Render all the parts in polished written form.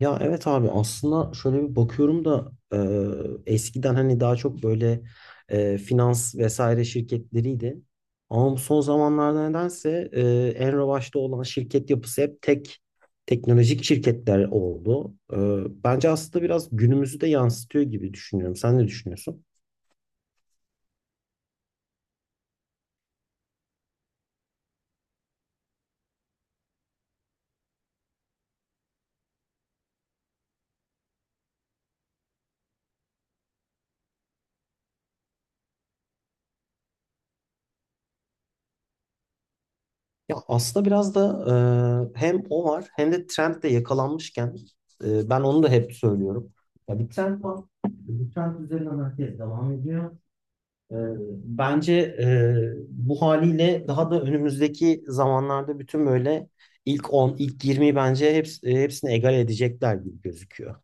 Ya evet abi aslında şöyle bir bakıyorum da eskiden hani daha çok böyle finans vesaire şirketleriydi. Ama bu son zamanlarda nedense en revaçta olan şirket yapısı hep tek teknolojik şirketler oldu. Bence aslında biraz günümüzü de yansıtıyor gibi düşünüyorum. Sen ne düşünüyorsun? Ya aslında biraz da hem o var hem de trend de yakalanmışken, ben onu da hep söylüyorum. Ya bir trend var. Bu trend üzerinden herkes devam ediyor. Ee, Bence e, bu haliyle daha da önümüzdeki zamanlarda bütün böyle ilk 10, ilk 20'yi bence hepsini egal edecekler gibi gözüküyor.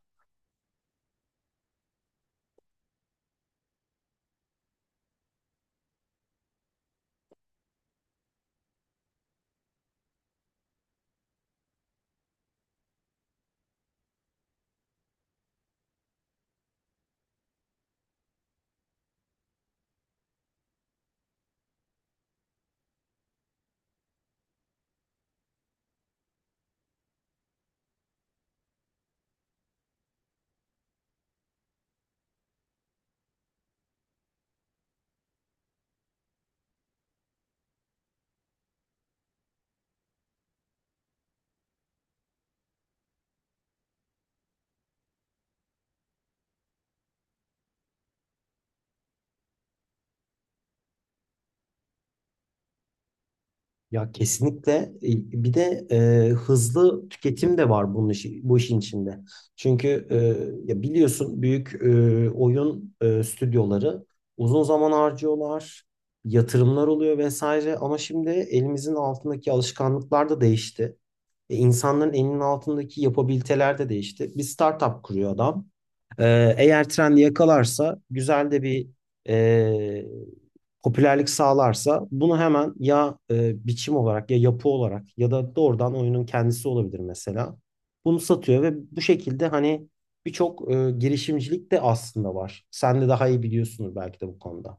Ya kesinlikle. Bir de hızlı tüketim de var bunun işi, bu işin içinde. Çünkü ya biliyorsun büyük oyun stüdyoları uzun zaman harcıyorlar, yatırımlar oluyor vesaire ama şimdi elimizin altındaki alışkanlıklar da değişti. İnsanların elinin altındaki yapabiliteler de değişti. Bir startup kuruyor adam. Eğer trend yakalarsa güzel de bir e, popülerlik sağlarsa bunu hemen ya biçim olarak ya yapı olarak ya da doğrudan oyunun kendisi olabilir mesela. Bunu satıyor ve bu şekilde hani birçok girişimcilik de aslında var. Sen de daha iyi biliyorsunuz belki de bu konuda.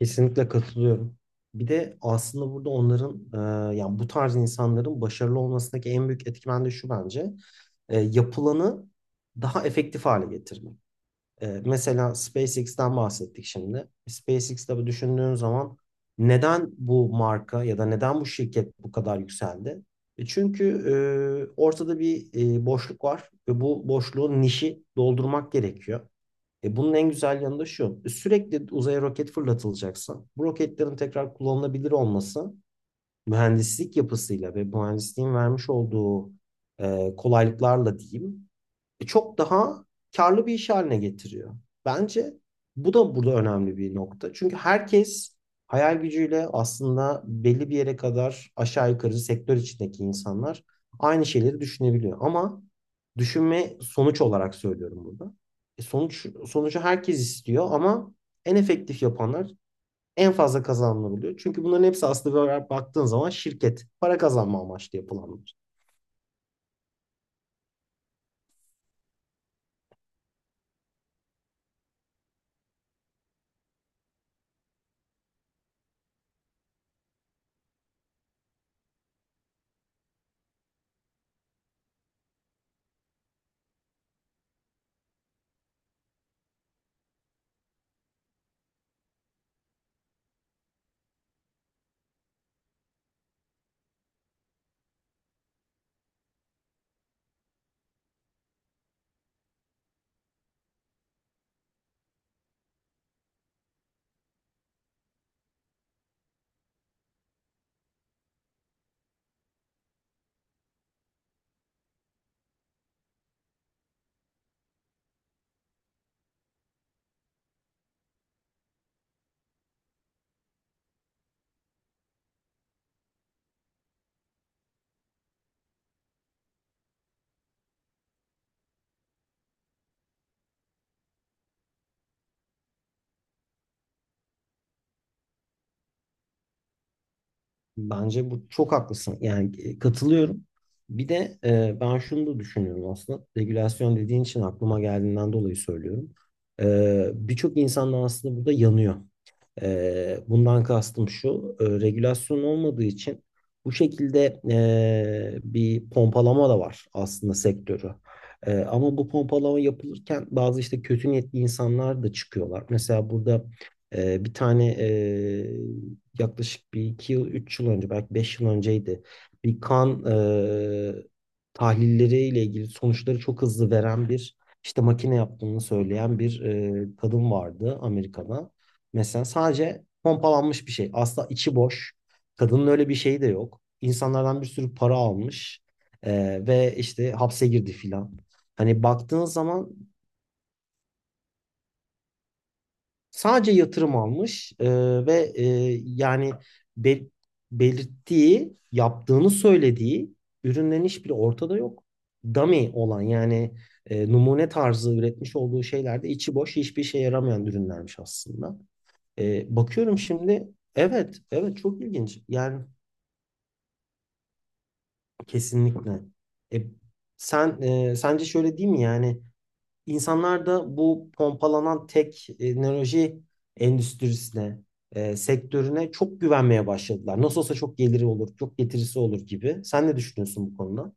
Kesinlikle katılıyorum. Bir de aslında burada onların, yani bu tarz insanların başarılı olmasındaki en büyük etkimen de şu bence: yapılanı daha efektif hale getirmek. E, mesela SpaceX'ten bahsettik şimdi. SpaceX'te bu düşündüğün zaman neden bu marka ya da neden bu şirket bu kadar yükseldi? E çünkü ortada bir boşluk var ve bu boşluğun nişi doldurmak gerekiyor. E bunun en güzel yanı da şu. E, sürekli uzaya roket fırlatılacaksa bu roketlerin tekrar kullanılabilir olması mühendislik yapısıyla ve mühendisliğin vermiş olduğu kolaylıklarla diyeyim çok daha karlı bir iş haline getiriyor. Bence bu da burada önemli bir nokta. Çünkü herkes hayal gücüyle aslında belli bir yere kadar, aşağı yukarı sektör içindeki insanlar aynı şeyleri düşünebiliyor. Ama düşünme sonuç olarak söylüyorum burada. E sonucu herkes istiyor ama en efektif yapanlar en fazla kazananlar oluyor. Çünkü bunların hepsi aslında böyle baktığın zaman şirket para kazanma amaçlı yapılanlar. Bence bu çok haklısın. Yani katılıyorum. Bir de ben şunu da düşünüyorum aslında. Regülasyon dediğin için aklıma geldiğinden dolayı söylüyorum. E, birçok insan da aslında burada yanıyor. Bundan kastım şu: regülasyon olmadığı için bu şekilde bir pompalama da var aslında sektörü. E, ama bu pompalama yapılırken bazı işte kötü niyetli insanlar da çıkıyorlar. Mesela burada bir tane, yaklaşık bir iki yıl, üç yıl önce, belki beş yıl önceydi. Bir kan tahlilleriyle ilgili sonuçları çok hızlı veren bir işte makine yaptığını söyleyen bir kadın vardı Amerika'da. Mesela sadece pompalanmış bir şey. Asla içi boş. Kadının öyle bir şeyi de yok. İnsanlardan bir sürü para almış. Ve işte hapse girdi filan. Hani baktığın zaman sadece yatırım almış. Ve e, Yani bel- belirttiği, yaptığını söylediği ürünlerin hiçbiri ortada yok. Dummy olan yani numune tarzı üretmiş olduğu şeylerde içi boş hiçbir işe yaramayan ürünlermiş aslında. E, bakıyorum şimdi, evet evet çok ilginç yani. Kesinlikle. E, Sen, sence şöyle değil mi, yani insanlar da bu pompalanan teknoloji endüstrisine, sektörüne çok güvenmeye başladılar. Nasıl olsa çok geliri olur çok getirisi olur gibi. Sen ne düşünüyorsun bu konuda?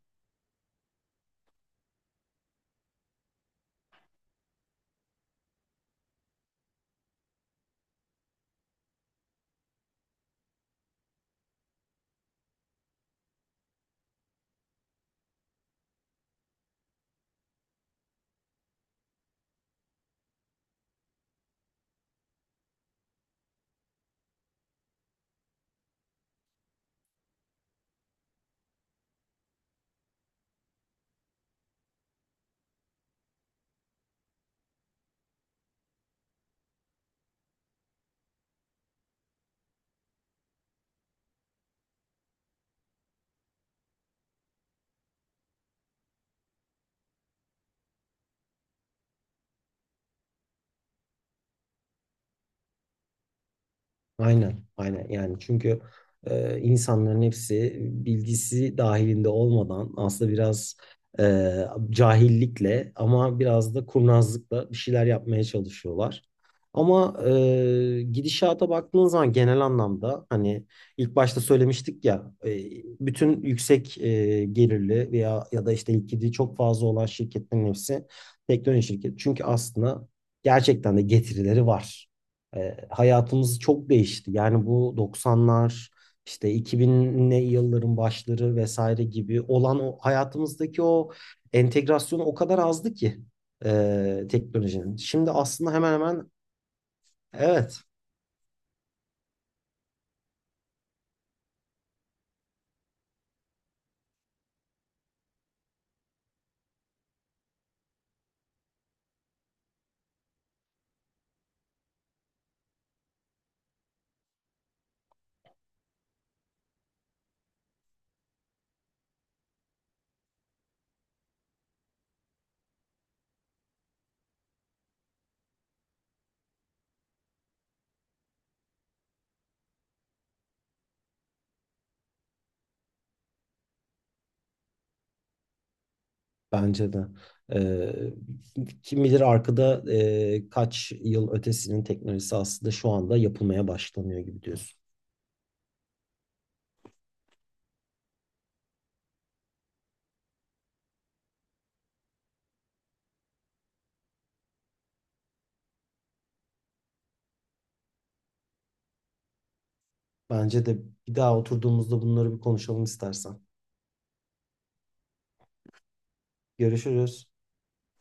Aynen, aynen. Yani çünkü insanların hepsi bilgisi dahilinde olmadan aslında biraz e, cahillikle ama biraz da kurnazlıkla bir şeyler yapmaya çalışıyorlar. Ama gidişata baktığınız zaman genel anlamda hani ilk başta söylemiştik ya, bütün yüksek gelirli veya ya da işte likidi çok fazla olan şirketlerin hepsi teknoloji şirketi. Çünkü aslında gerçekten de getirileri var. E, hayatımız çok değişti. Yani bu 90'lar işte 2000'li yılların başları vesaire gibi olan o hayatımızdaki o entegrasyon o kadar azdı ki teknolojinin. Şimdi aslında hemen hemen evet, bence de. E, Kim bilir arkada kaç yıl ötesinin teknolojisi aslında şu anda yapılmaya başlanıyor gibi diyorsun. Bence de bir daha oturduğumuzda bunları bir konuşalım istersen. Görüşürüz.